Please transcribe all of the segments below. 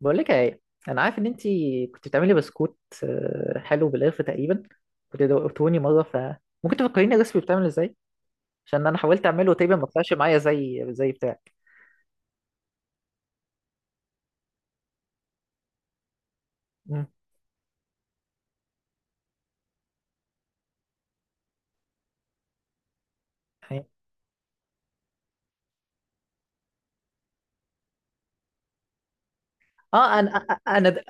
بقول لك ايه. انا عارف ان انت كنت بتعملي بسكوت حلو بالقرفه تقريبا. كنت دوقتوني مره فممكن تفكريني الريسبي بتعمل ازاي، عشان انا حاولت اعمله تقريبا ما طلعش معايا زي بتاعك. مم. أيوة. اه انا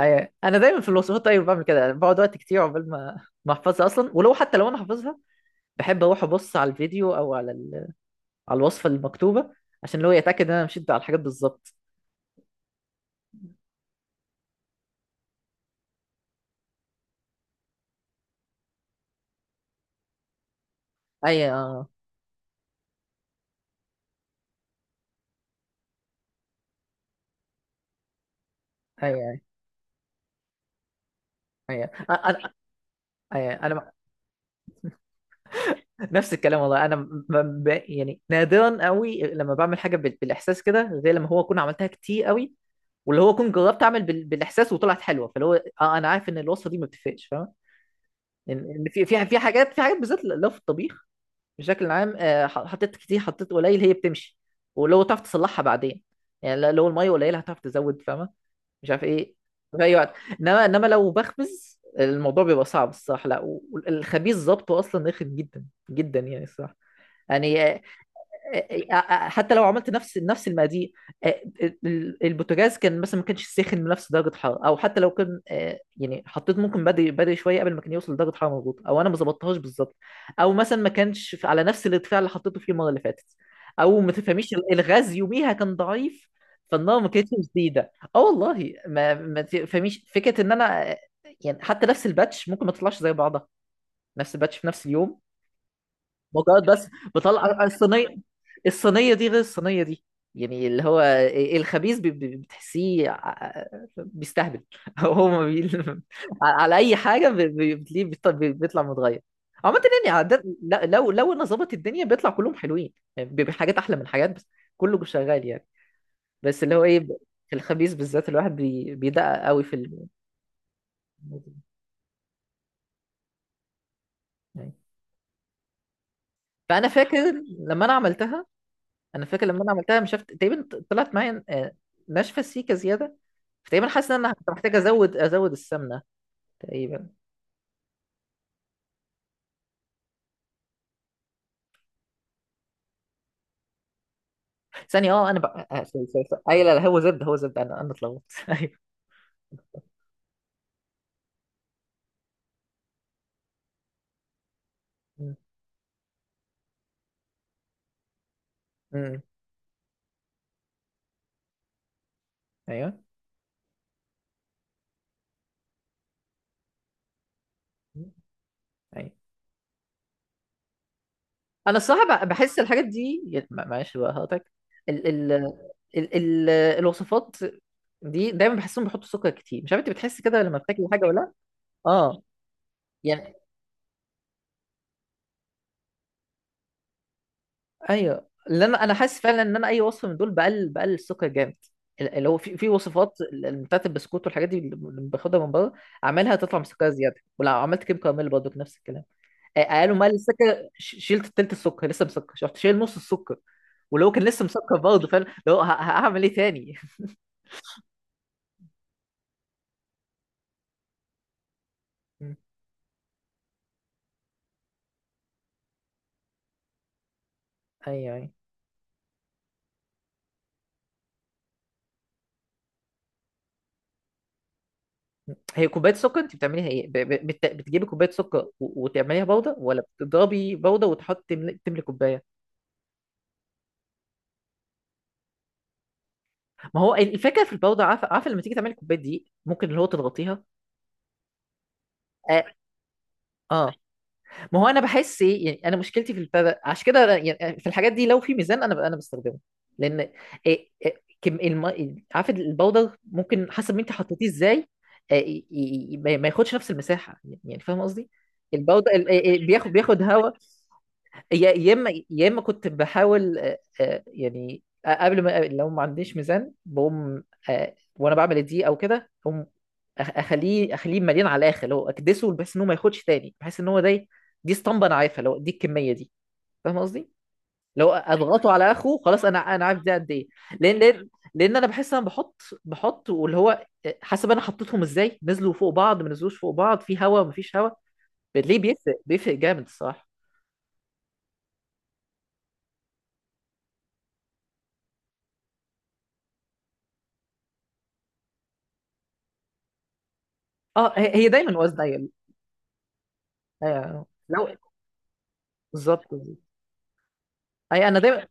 أيوة. انا دايما في الوصفات طيب بعمل كده، يعني بقعد وقت كتير عقبال ما احفظها اصلا، ولو حتى لو انا حافظها بحب اروح ابص على الفيديو او على الوصفه المكتوبه، عشان لو يتاكد ان انا مشيت على الحاجات بالظبط. ايوه آه. ايوه ايوه ايوه أيوة. انا نفس الكلام والله، انا يعني نادرا قوي لما بعمل حاجه بالاحساس كده، غير لما هو اكون عملتها كتير قوي، واللي هو اكون جربت اعمل بالاحساس وطلعت حلوه، فاللي هو آه، انا عارف ان الوصفه دي ما بتفرقش، فاهم؟ ان إن في في في حاجات في حاجات بالذات لو في الطبيخ بشكل عام. حطيت كتير حطيت قليل هي بتمشي، ولو تعرف تصلحها بعدين. يعني لو الميه قليله هتعرف تزود، فاهمه؟ مش عارف ايه، في اي وقت. انما لو بخبز الموضوع بيبقى صعب الصراحه، لا، والخبيز ظبطه اصلا رخم جدا جدا يعني الصراحه، يعني. آه، حتى لو عملت نفس المقادير، آه، البوتاجاز كان مثلا ما كانش ساخن بنفس درجه حراره، او حتى لو كان يعني حطيت ممكن بدري شويه قبل ما كان يوصل لدرجه حراره مظبوطه، او انا ما ظبطتهاش بالظبط، او مثلا ما كانش على نفس الارتفاع اللي حطيته فيه المره اللي فاتت، او ما تفهميش الغاز يوميها كان ضعيف، فالنار ما كانتش شديده. اه والله، ما تفهميش فكره ان انا يعني حتى نفس الباتش ممكن ما تطلعش زي بعضها، نفس الباتش في نفس اليوم. مكرونات بس بطلع الصينيه، الصينيه دي غير الصينيه دي. يعني اللي هو إيه، إيه، الخبيث بتحسيه بيستهبل هو ما بي... على اي حاجه بتلاقيه بيطلع متغير عامة. يعني عادة لو انا ظبط الدنيا بيطلع كلهم حلوين، يعني بيبقى حاجات احلى من حاجات، بس كله شغال يعني. بس اللي هو ايه، في الخبيث بالذات الواحد بي... بيدقق قوي في ال... يعني. فانا فاكر لما انا عملتها، انا فاكر لما انا عملتها، مش عارف تقريبا طلعت معايا ناشفه سيكه زياده، فتقريبا حاسس ان انا كنت محتاج ازود السمنه تقريبا. ثانيه، اه انا بقى آه آه، سوري سوري سوري. ايوه، لا لا، هو زبده هو زبده، انا اتلخبطت ايوه. م- م- ايوه م- ايوه، انا الصراحه بقى بحس الحاجات دي. ما- معلش بقى هقطعك، ال ال ال ال الوصفات دي دايما بحسهم بيحطوا سكر كتير، مش عارف انت بتحس كده لما بتاكل حاجه ولا لا؟ اه يعني ايوه، اللي انا حاسس فعلا ان انا اي وصف من دول بقلل الثقه جامد، اللي هو في في وصفات بتاعت البسكوت والحاجات دي اللي باخدها من بره، اعملها تطلع مسكره زياده. ولو عملت كيم كراميل برضه نفس الكلام. قالوا مال السكر، شيلت التلت السكر لسه مسكر، شفت؟ شايل نص السكر ولو كان لسه مسكر برضه فعلا، لو هعمل ايه تاني؟ مم. ايوه ايوه. هي كوبايه سكر انت بتعمليها ايه؟ بتجيبي كوبايه سكر و- وتعمليها بودره، ولا بتضربي بودره وتحطي تملي كوبايه؟ ما هو الفكره في البودره، عارفه عارفه لما تيجي تعملي الكوبايات دي ممكن اللي هو تضغطيها. اه اه. ما هو انا بحس ايه، يعني انا مشكلتي في البتاع، عشان كده يعني في الحاجات دي لو في ميزان انا بستخدمه، لان إيه كم الم... عارفه، البودر ممكن حسب ما انت حطيتيه ازاي ما ياخدش نفس المساحه، يعني يعني فاهم قصدي؟ البودر إيه، بياخد هواء. يا اما كنت بحاول قبل ما لو ما عنديش ميزان بقوم وانا بعمل دي او كده، اقوم اخليه اخليه مليان على الاخر، اللي هو اكدسه بحيث ان هو ما ياخدش تاني، بحيث ان هو ده دي اسطمبه انا عارفها اللي هو دي الكميه دي، فاهم قصدي؟ لو اضغطه على اخره خلاص انا انا عارف ده قد ايه. لان لان لان انا بحس انا بحط واللي هو حسب انا حطيتهم ازاي نزلوا فوق بعض، ما نزلوش فوق بعض، في هوا، ما فيش هوا، بتلاقيه بيفرق جامد الصراحه. اه هي هي دايما وزن. ايوه، لو بالظبط. اي انا دايما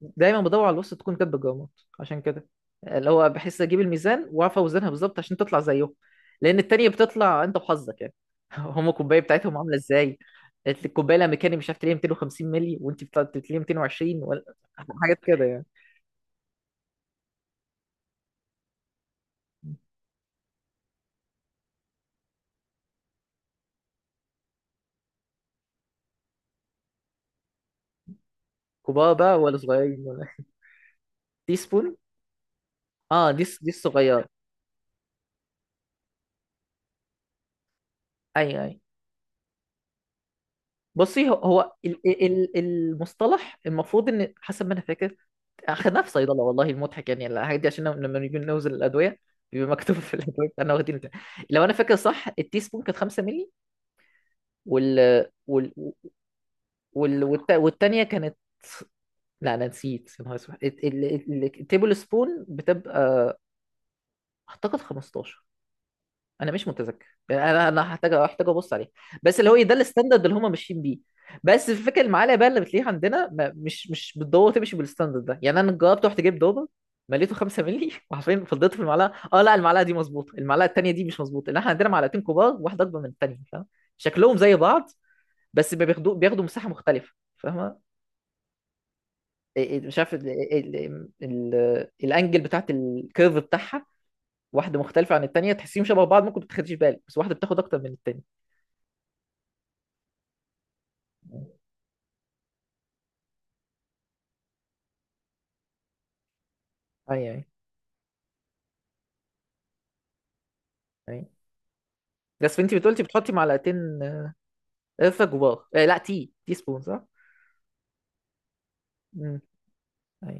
دايما بدور على الوسط تكون كاتبه الجرامات، عشان كده اللي هو بحس اجيب الميزان واعرف اوزنها بالظبط عشان تطلع زيهم، لان التانية بتطلع انت وحظك يعني. هم الكوبايه بتاعتهم عامله ازاي؟ قالت لي الكوبايه الامريكاني مش عارف تلاقيها 250 مللي وانت بتطلع تلاقيها 220 ولا. حاجات كده يعني. كبار بقى ولا صغيرين ولا؟ تي سبون. اه دي دي الصغيره. ايوه أيوة. بصي هو هو المصطلح، المفروض ان حسب ما انا فاكر اخدناه في صيدله، والله المضحك يعني الحاجات دي، عشان لما نيجي نوزن الادويه بيبقى مكتوب في الادويه انا واخدين بتاع. لو انا فاكر صح، التي سبون كانت 5 مللي، وال وال والتانيه كانت، لا انا نسيت. يا نهار اسود، التيبل سبون بتبقى اعتقد 15، انا مش متذكر يعني، انا هحتاج ابص عليه. بس اللي هو إيه، ده الستاندرد اللي هم ماشيين بيه. بس الفكره المعاليه بقى اللي بتلاقيها عندنا ما مش مش بالضبط تمشي بالستاندرد ده، يعني انا جربت رحت جبت دوبه مليته 5 مللي وعارفين فضيته في المعلقه، اه لا المعلقه دي مظبوطه، المعلقه التانيه دي مش مظبوطه، لان احنا عندنا معلقتين كبار واحده اكبر من التانيه، فاهم؟ شكلهم زي بعض بس بياخدوا مساحه مختلفه، فاهمه؟ إيه- إيه، مش عارف الانجل بتاعت الكيرف بتاعها، واحده مختلفه عن التانيه، تحسيهم شبه بعض ممكن ما تاخديش بالك، بس واحده بتاخد اكتر من التانيه. اي اي اي، بس انت بتقولتي بتحطي معلقتين قرفه جواه. آه لا، تي سبون صح؟ امم. اي،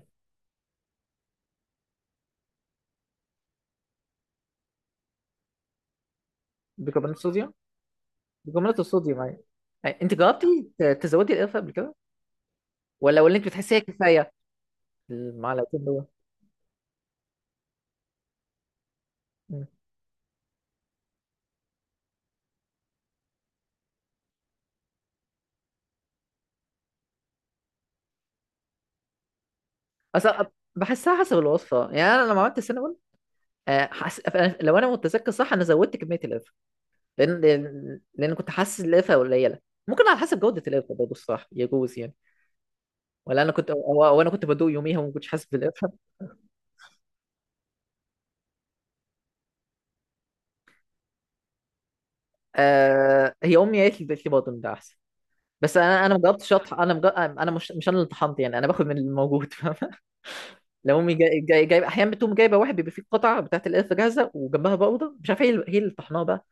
بيكربونات الصوديوم، بيكربونات الصوديوم اي. أي. انت جربتي تزودي القرفه قبل كده؟ ولا انت بتحسيها كفايه المعلقتين دول؟ مم. اصل بحسها حسب الوصفه، يعني انا لما عملت السينابون لو انا متذكر صح، انا زودت كميه القرفه، لان لان لأن كنت حاسس القرفه قليله. ممكن على حسب جوده القرفه برضه الصح، يجوز يعني، ولا انا كنت او أو انا كنت بدوق يوميها وما كنتش حاسس بالقرفه. آه هي امي قالت لي بطن ده احسن، بس انا ما جربتش اطحن، انا مجرب، انا مش مش انا اللي طحنت، يعني انا باخد من الموجود فاهم؟ لو امي جايب احيانا بتقوم جايبه واحد بيبقى فيه قطعه بتاعت القرفه جاهزه وجنبها بودره، مش عارف هي اللي طحناها بقى،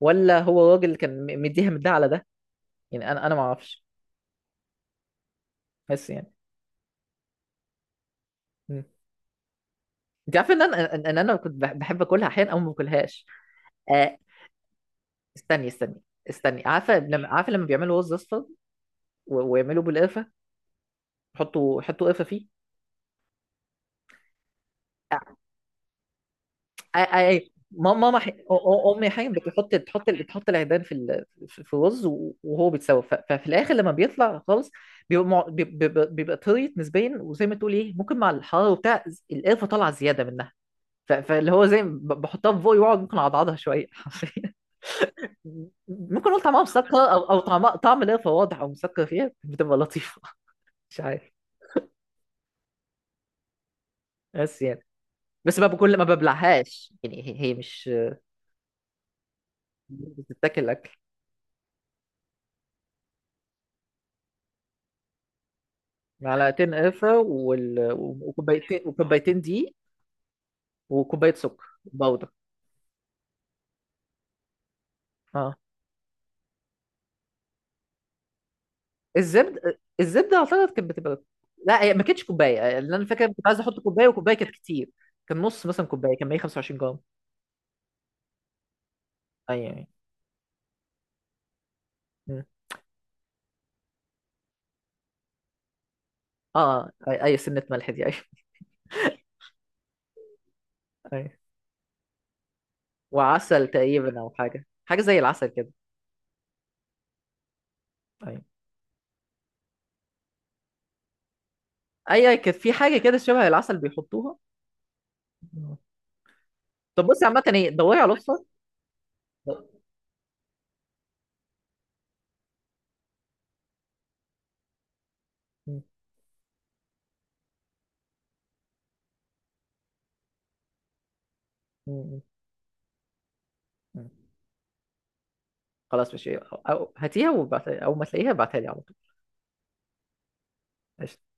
ولا هو الراجل اللي كان مديها من ده على ده، يعني انا ما اعرفش، بس يعني. مم. انت عارف ان انا ان إن انا كنت بحب اكلها احيانا او ما باكلهاش. آه استني استني، استني عارفه لما، عارفه لما بيعملوا رز اصفر و- ويعملوا بالقرفه، يحطوا قرفه فيه؟ اي اي. امي حين بتحط بتحط العيدان في في في الرز و- وهو بيتسوى، ففي الاخر لما بيطلع خالص بيبقى بيبقى طريت نسبيا، وزي ما تقول ايه ممكن مع الحراره وبتاع، القرفه طالعه زياده منها، فاللي هو زي ما بحطها في بوقي واقعد ممكن اعضعضها شويه حرفيا ممكن اقول طعمها مسكر، او او طعم طعم القرفه واضح او مسكر فيها بتبقى لطيفه. مش عارف، بس يعني. بس ما بكل، ما ببلعهاش يعني، هي هي مش مش بتتاكل اكل. معلقتين قرفة وكوبايتين دقيق، وكوباية سكر باودر، اه. الزبد، الزبدة اعتقد كانت بتبقى، لا هي ما كانتش كوباية، اللي انا فاكر كنت عايز احط كوباية وكوباية كانت كتير، كان نص مثلا كوباية كان 125 جرام. ايوه ايوه. مم. اه اي اي، سنة ملح دي ايوه. ايوه. وعسل تقريبا، او حاجة زي العسل كده. ايوه ايوه كانت في حاجة كده شبه العسل بيحطوها. مم. طب بصي عامة ايه، دوري على الوصفة. مم. مم. مم. خلاص ماشي، أو هاتيها وبعت... أول ما تلاقيها ابعتها لي على طول. قشطة.